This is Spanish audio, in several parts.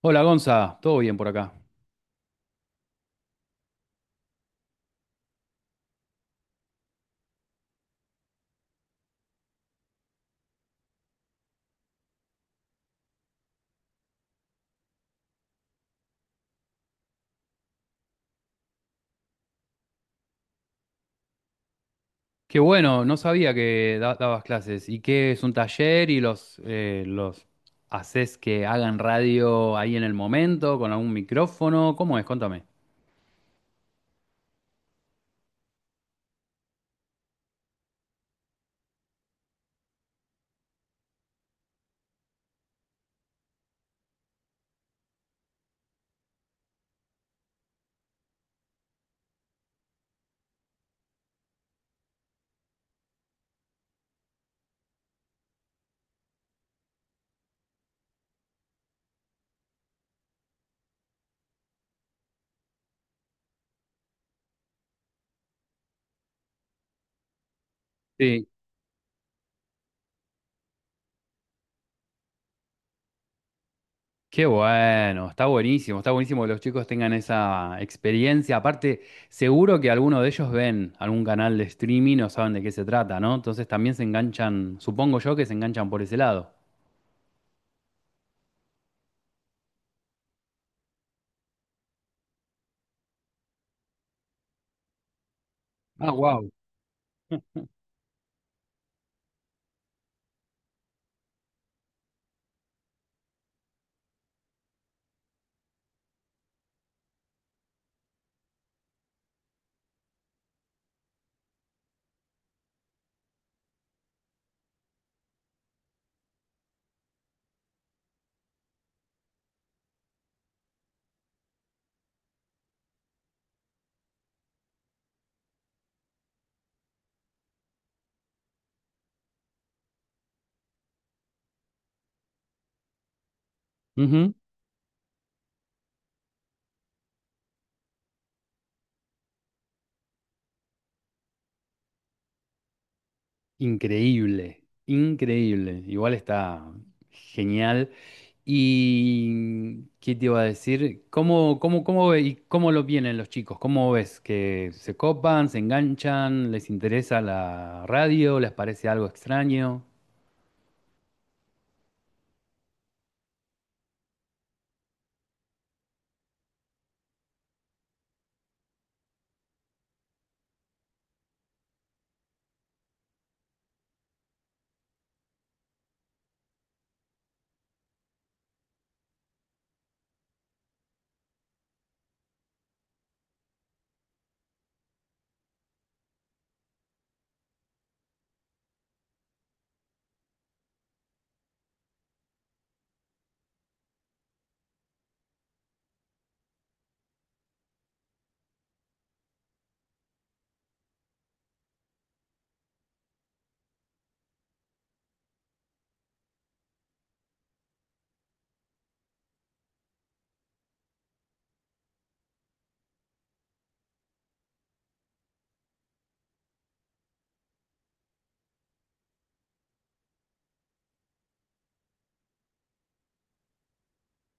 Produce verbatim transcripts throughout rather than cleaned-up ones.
Hola Gonza, todo bien por acá. Qué bueno, no sabía que da- dabas clases. ¿Y qué es un taller y los, eh, los haces que hagan radio ahí en el momento con algún micrófono? ¿Cómo es? Contame. Sí. Qué bueno, está buenísimo, está buenísimo que los chicos tengan esa experiencia. Aparte, seguro que alguno de ellos ven algún canal de streaming o saben de qué se trata, ¿no? Entonces también se enganchan, supongo yo que se enganchan por ese lado. Ah, wow. Increíble, increíble. Igual está genial. ¿Y qué te iba a decir? ¿Cómo, cómo, cómo ve- y cómo lo vienen los chicos? ¿Cómo ves? ¿Que se copan, se enganchan, les interesa la radio, les parece algo extraño?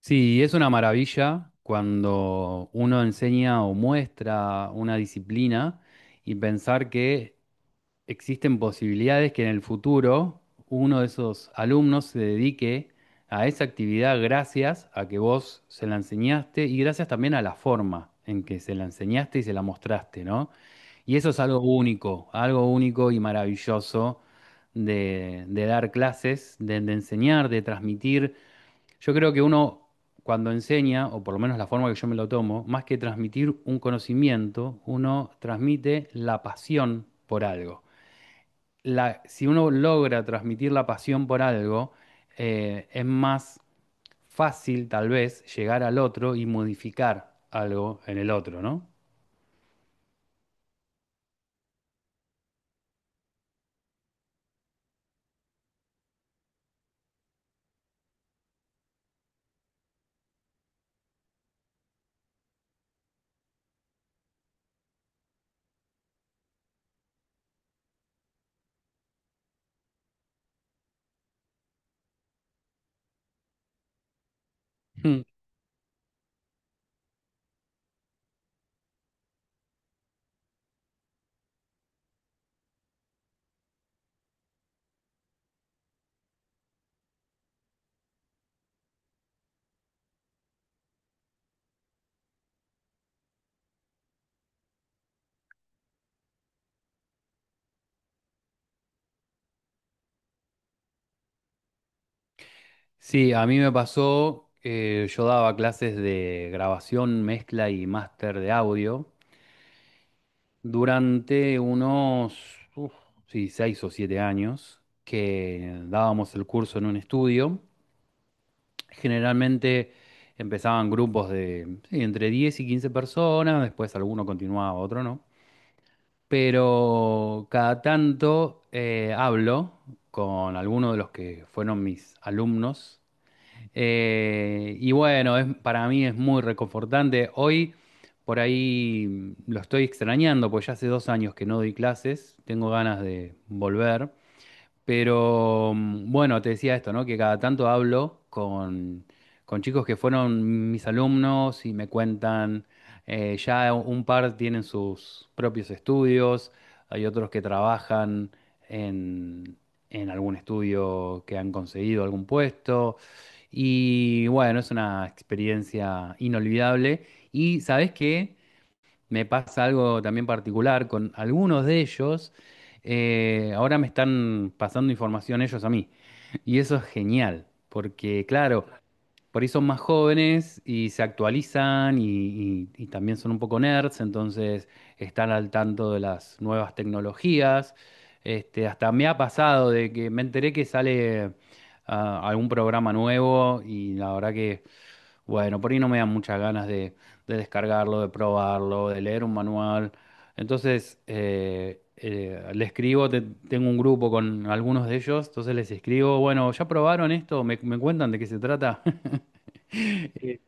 Sí, es una maravilla cuando uno enseña o muestra una disciplina y pensar que existen posibilidades que en el futuro uno de esos alumnos se dedique a esa actividad gracias a que vos se la enseñaste y gracias también a la forma en que se la enseñaste y se la mostraste, ¿no? Y eso es algo único, algo único y maravilloso de, de dar clases, de, de enseñar, de transmitir. Yo creo que uno cuando enseña, o por lo menos la forma que yo me lo tomo, más que transmitir un conocimiento, uno transmite la pasión por algo la- si uno logra transmitir la pasión por algo, eh, es más fácil tal vez llegar al otro y modificar algo en el otro, ¿no? Mm. Sí, a mí me pasó, eh, yo daba clases de grabación, mezcla y máster de audio durante unos, uf, sí, seis o siete años que dábamos el curso en un estudio. Generalmente empezaban grupos de sí, entre diez y quince personas, después alguno continuaba, otro no. Pero cada tanto eh, hablo con algunos de los que fueron mis alumnos. Eh, y bueno, es- para mí es muy reconfortante. Hoy por ahí lo estoy extrañando, porque ya hace dos años que no doy clases, tengo ganas de volver. Pero mm, bueno, te decía esto, ¿no? Que cada tanto hablo con, con chicos que fueron mis alumnos y me cuentan, eh, ya un par tienen sus propios estudios, hay otros que trabajan en, en algún estudio que han conseguido algún puesto. Y bueno, es una experiencia inolvidable. ¿Y sabes qué? Me pasa algo también particular con algunos de ellos. Eh, ahora me están pasando información ellos a mí. Y eso es genial, porque claro, por ahí son más jóvenes y se actualizan y, y- y también son un poco nerds, entonces están al tanto de las nuevas tecnologías. Este, hasta me ha pasado de que me enteré que sale ah, algún programa nuevo y la verdad que, bueno, por ahí no me dan muchas ganas de, de descargarlo, de probarlo, de leer un manual. Entonces, eh, eh, le escribo, te- tengo un grupo con algunos de ellos, entonces les escribo, bueno, ¿ya probaron esto? ¿Me, me cuentan de qué se trata? Eh,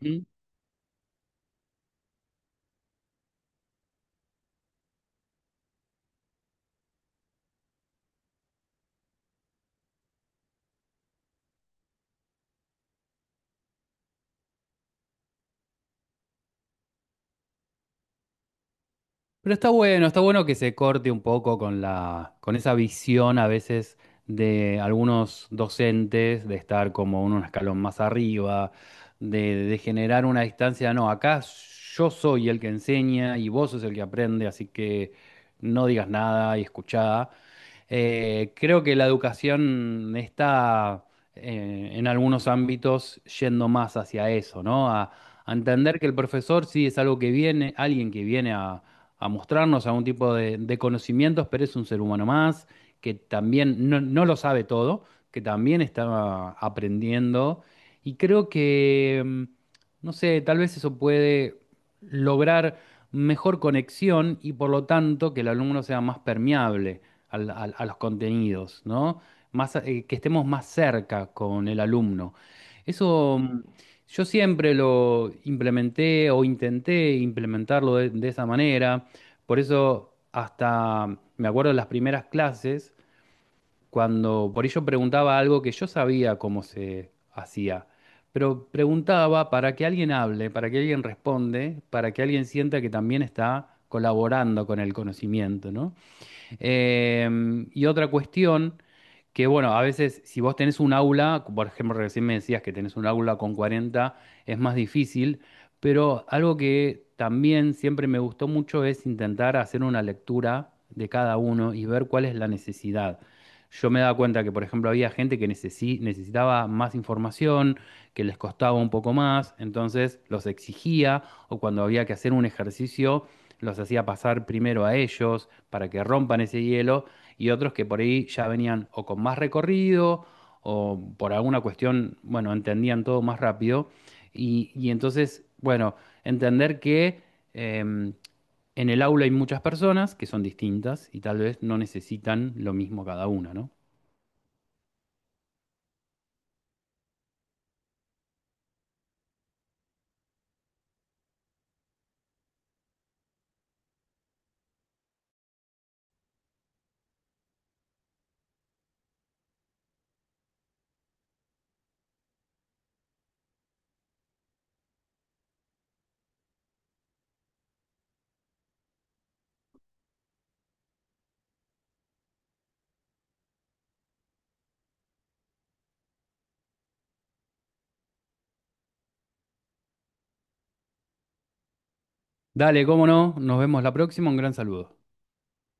Sí. Pero está bueno, está bueno que se corte un poco con la, con esa visión a veces de algunos docentes de estar como en un escalón más arriba, de, de generar una distancia. No, acá yo soy el que enseña y vos sos el que aprende, así que no digas nada y escuchá. Eh, creo que la educación está eh, en algunos ámbitos yendo más hacia eso, ¿no? A, a entender que el profesor sí es algo que viene, alguien que viene a a mostrarnos algún tipo de, de conocimientos, pero es un ser humano más que también no, no lo sabe todo, que también está aprendiendo. Y creo que, mm, no sé, tal vez eso puede lograr mejor conexión y por lo tanto que el alumno sea más permeable al- al- a los contenidos, ¿no? Más, eh, que estemos más cerca con el alumno. Eso mm, yo siempre lo implementé o intenté implementarlo de, de esa manera. Por eso hasta me acuerdo de las primeras clases, cuando por ello preguntaba algo que yo sabía cómo se hacía, pero preguntaba para que alguien hable, para que alguien responde, para que alguien sienta que también está colaborando con el conocimiento, ¿no? Eh, y otra cuestión que, bueno, a veces si vos tenés un aula, por ejemplo, recién me decías que tenés un aula con cuarenta es más difícil, pero algo que también siempre me gustó mucho es intentar hacer una lectura de cada uno y ver cuál es la necesidad. Yo me daba cuenta que, por ejemplo, había gente que necesi- necesitaba más información, que les costaba un poco más, entonces los exigía, o cuando había que hacer un ejercicio, los hacía pasar primero a ellos para que rompan ese hielo y otros que por ahí ya venían o con más recorrido o por alguna cuestión, bueno, entendían todo más rápido. Y, y entonces, bueno, entender que eh, en el aula hay muchas personas que son distintas y tal vez no necesitan lo mismo cada una, ¿no? Dale, cómo no, nos vemos la próxima, un gran saludo.